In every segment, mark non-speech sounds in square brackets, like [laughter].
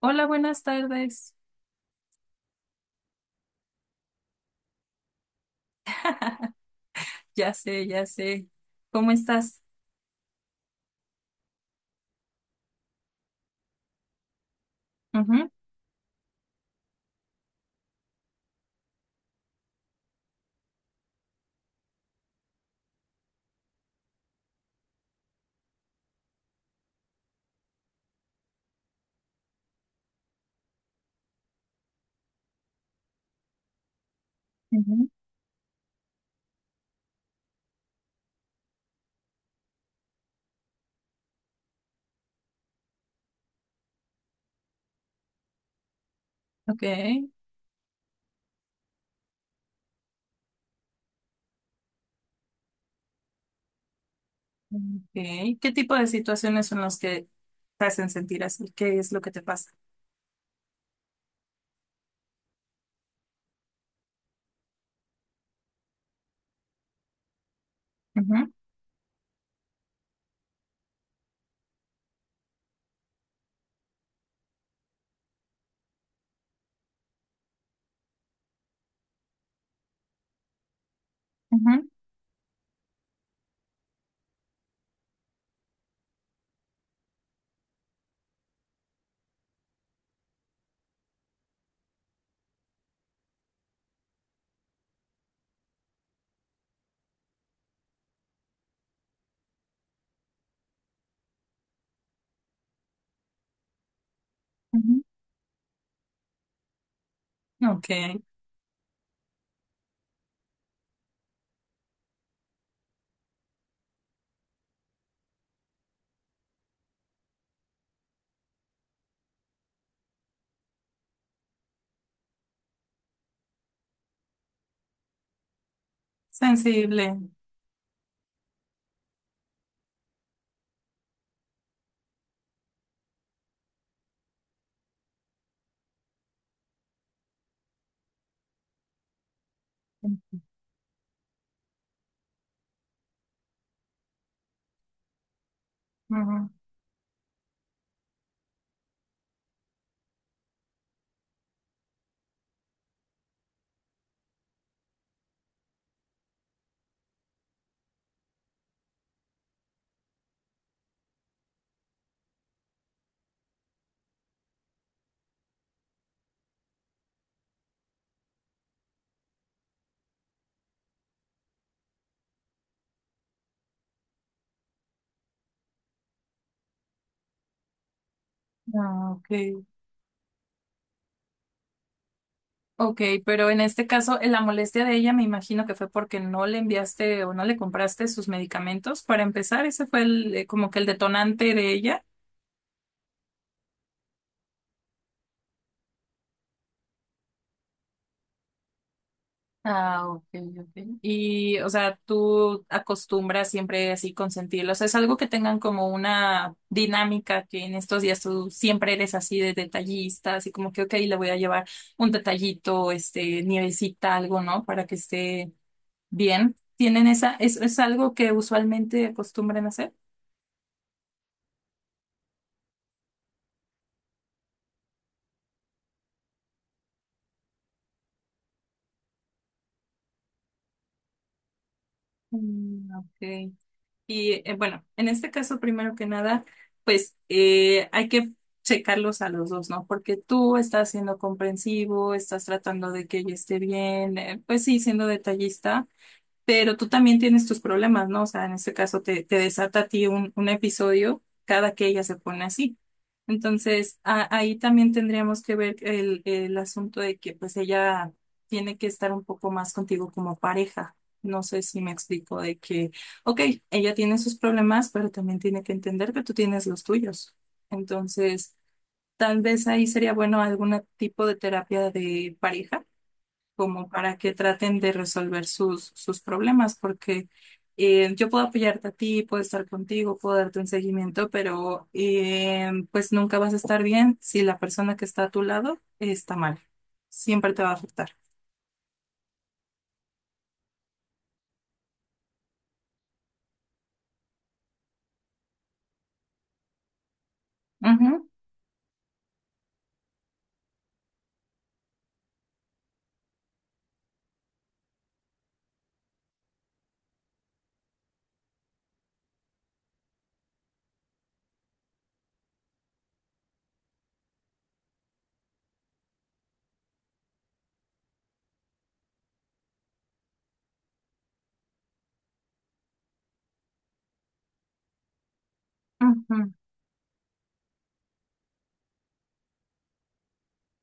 Hola, buenas tardes. [laughs] Ya sé, ya sé. ¿Cómo estás? Ujú, ujú. Ok, ok. ¿Qué tipo de situaciones son las que te hacen sentir así? ¿Qué es lo que te pasa? Ujú, ujú, ujú. Ok, sensible. Ujú. Ah, ok. Ok, pero en este caso, la molestia de ella me imagino que fue porque no le enviaste o no le compraste sus medicamentos. Para empezar, ese fue como que el detonante de ella. Ah, ok, ok. Y, o sea, tú acostumbras siempre así consentirlos. O sea, es algo que tengan como una dinámica que en estos días tú siempre eres así de detallista, así como que, ok, le voy a llevar un detallito, este, nievecita, algo, ¿no? Para que esté bien. ¿Tienen esa, es algo que usualmente acostumbran hacer? Mm, ok. Y bueno, en este caso, primero que nada, pues hay que checarlos a los dos, ¿no? Porque tú estás siendo comprensivo, estás tratando de que ella esté bien, pues sí, siendo detallista, pero tú también tienes tus problemas, ¿no? O sea, en este caso te desata a ti un episodio cada que ella se pone así. Entonces, ahí también tendríamos que ver el asunto de que pues ella tiene que estar un poco más contigo como pareja. No sé si me explico de que, ok, ella tiene sus problemas, pero también tiene que entender que tú tienes los tuyos. Entonces, tal vez ahí sería bueno algún tipo de terapia de pareja como para que traten de resolver sus problemas, porque yo puedo apoyarte a ti, puedo estar contigo, puedo darte un seguimiento, pero pues nunca vas a estar bien si la persona que está a tu lado está mal. Siempre te va a afectar. Ujú,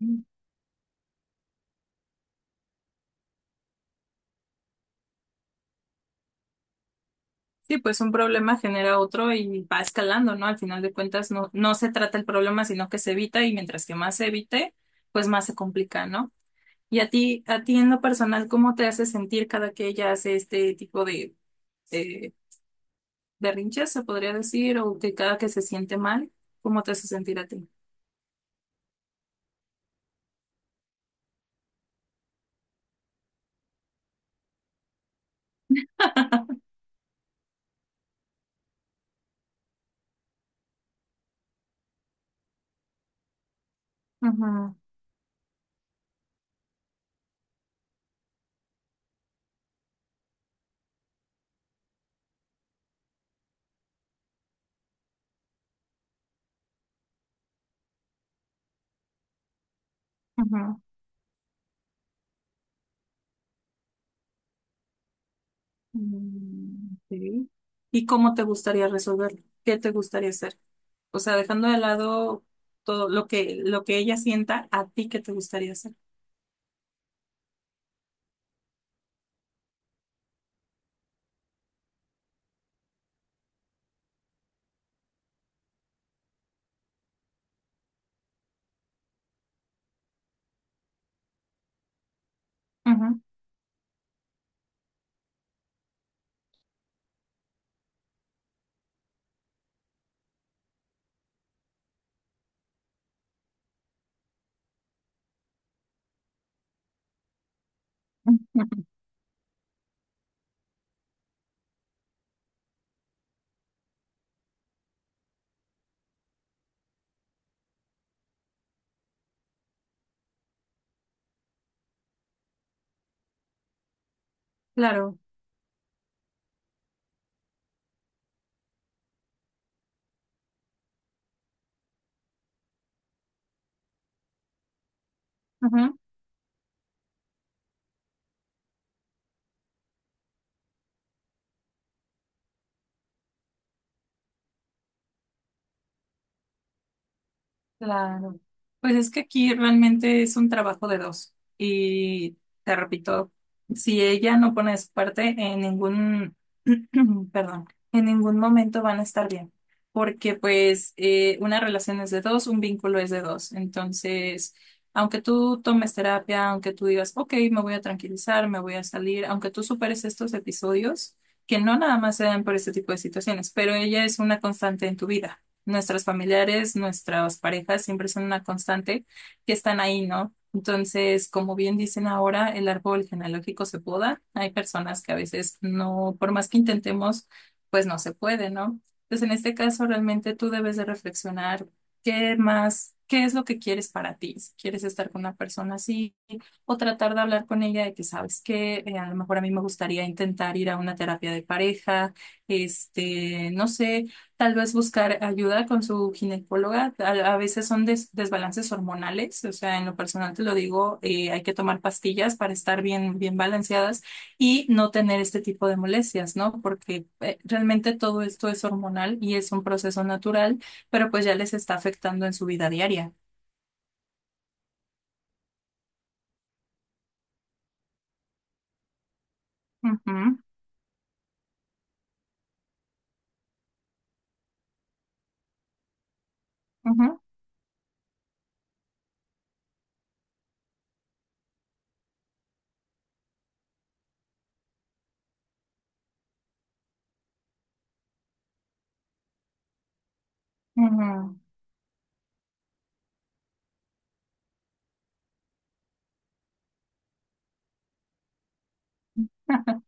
ujú. Sí, pues un problema genera otro y va escalando, ¿no? Al final de cuentas, no, no se trata el problema, sino que se evita y mientras que más se evite, pues más se complica, ¿no? ¿Y a ti en lo personal, cómo te hace sentir cada que ella hace este tipo de eh, berrinches, se podría decir, o que cada que se siente mal, cómo te hace sentir a ti? Ujú, ujú. Mm, ok. ¿Y cómo te gustaría resolverlo? ¿Qué te gustaría hacer? O sea, dejando de lado todo lo que ella sienta, ¿a ti qué te gustaría hacer? Ujú. [laughs] Claro. Claro. Pues es que aquí realmente es un trabajo de dos. Y te repito, si ella no pone su parte en ningún [clears throat] perdón, en ningún momento van a estar bien, porque pues una relación es de dos, un vínculo es de dos. Entonces, aunque tú tomes terapia, aunque tú digas, ok, me voy a tranquilizar, me voy a salir, aunque tú superes estos episodios, que no nada más se dan por este tipo de situaciones, pero ella es una constante en tu vida. Nuestras familiares, nuestras parejas siempre son una constante que están ahí, ¿no? Entonces, como bien dicen ahora, el árbol genealógico se poda. Hay personas que a veces no, por más que intentemos, pues no se puede, ¿no? Entonces, en este caso, realmente tú debes de reflexionar qué más, qué es lo que quieres para ti. Si quieres estar con una persona así o tratar de hablar con ella de que sabes que a lo mejor a mí me gustaría intentar ir a una terapia de pareja, este, no sé. Tal vez buscar ayuda con su ginecóloga. A veces son desbalances hormonales, o sea, en lo personal te lo digo, hay que tomar pastillas para estar bien, bien balanceadas y no tener este tipo de molestias, ¿no? Porque realmente todo esto es hormonal y es un proceso natural, pero pues ya les está afectando en su vida diaria. Ujú, ujú, ujú.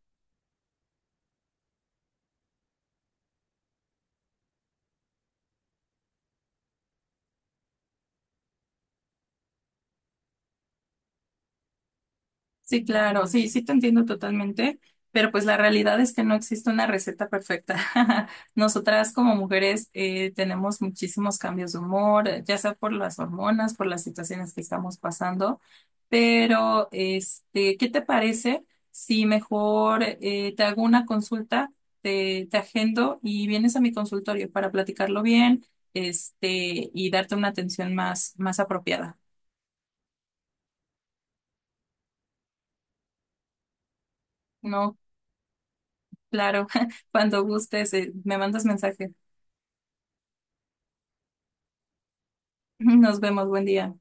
Sí, claro, sí, sí te entiendo totalmente, pero pues la realidad es que no existe una receta perfecta. [laughs] Nosotras como mujeres tenemos muchísimos cambios de humor, ya sea por las hormonas, por las situaciones que estamos pasando, pero este, ¿qué te parece si mejor te hago una consulta, te agendo y vienes a mi consultorio para platicarlo bien, este, y darte una atención más, más apropiada? ¿No? Claro, [laughs] cuando gustes, me mandas mensaje. [laughs] Nos vemos, buen día.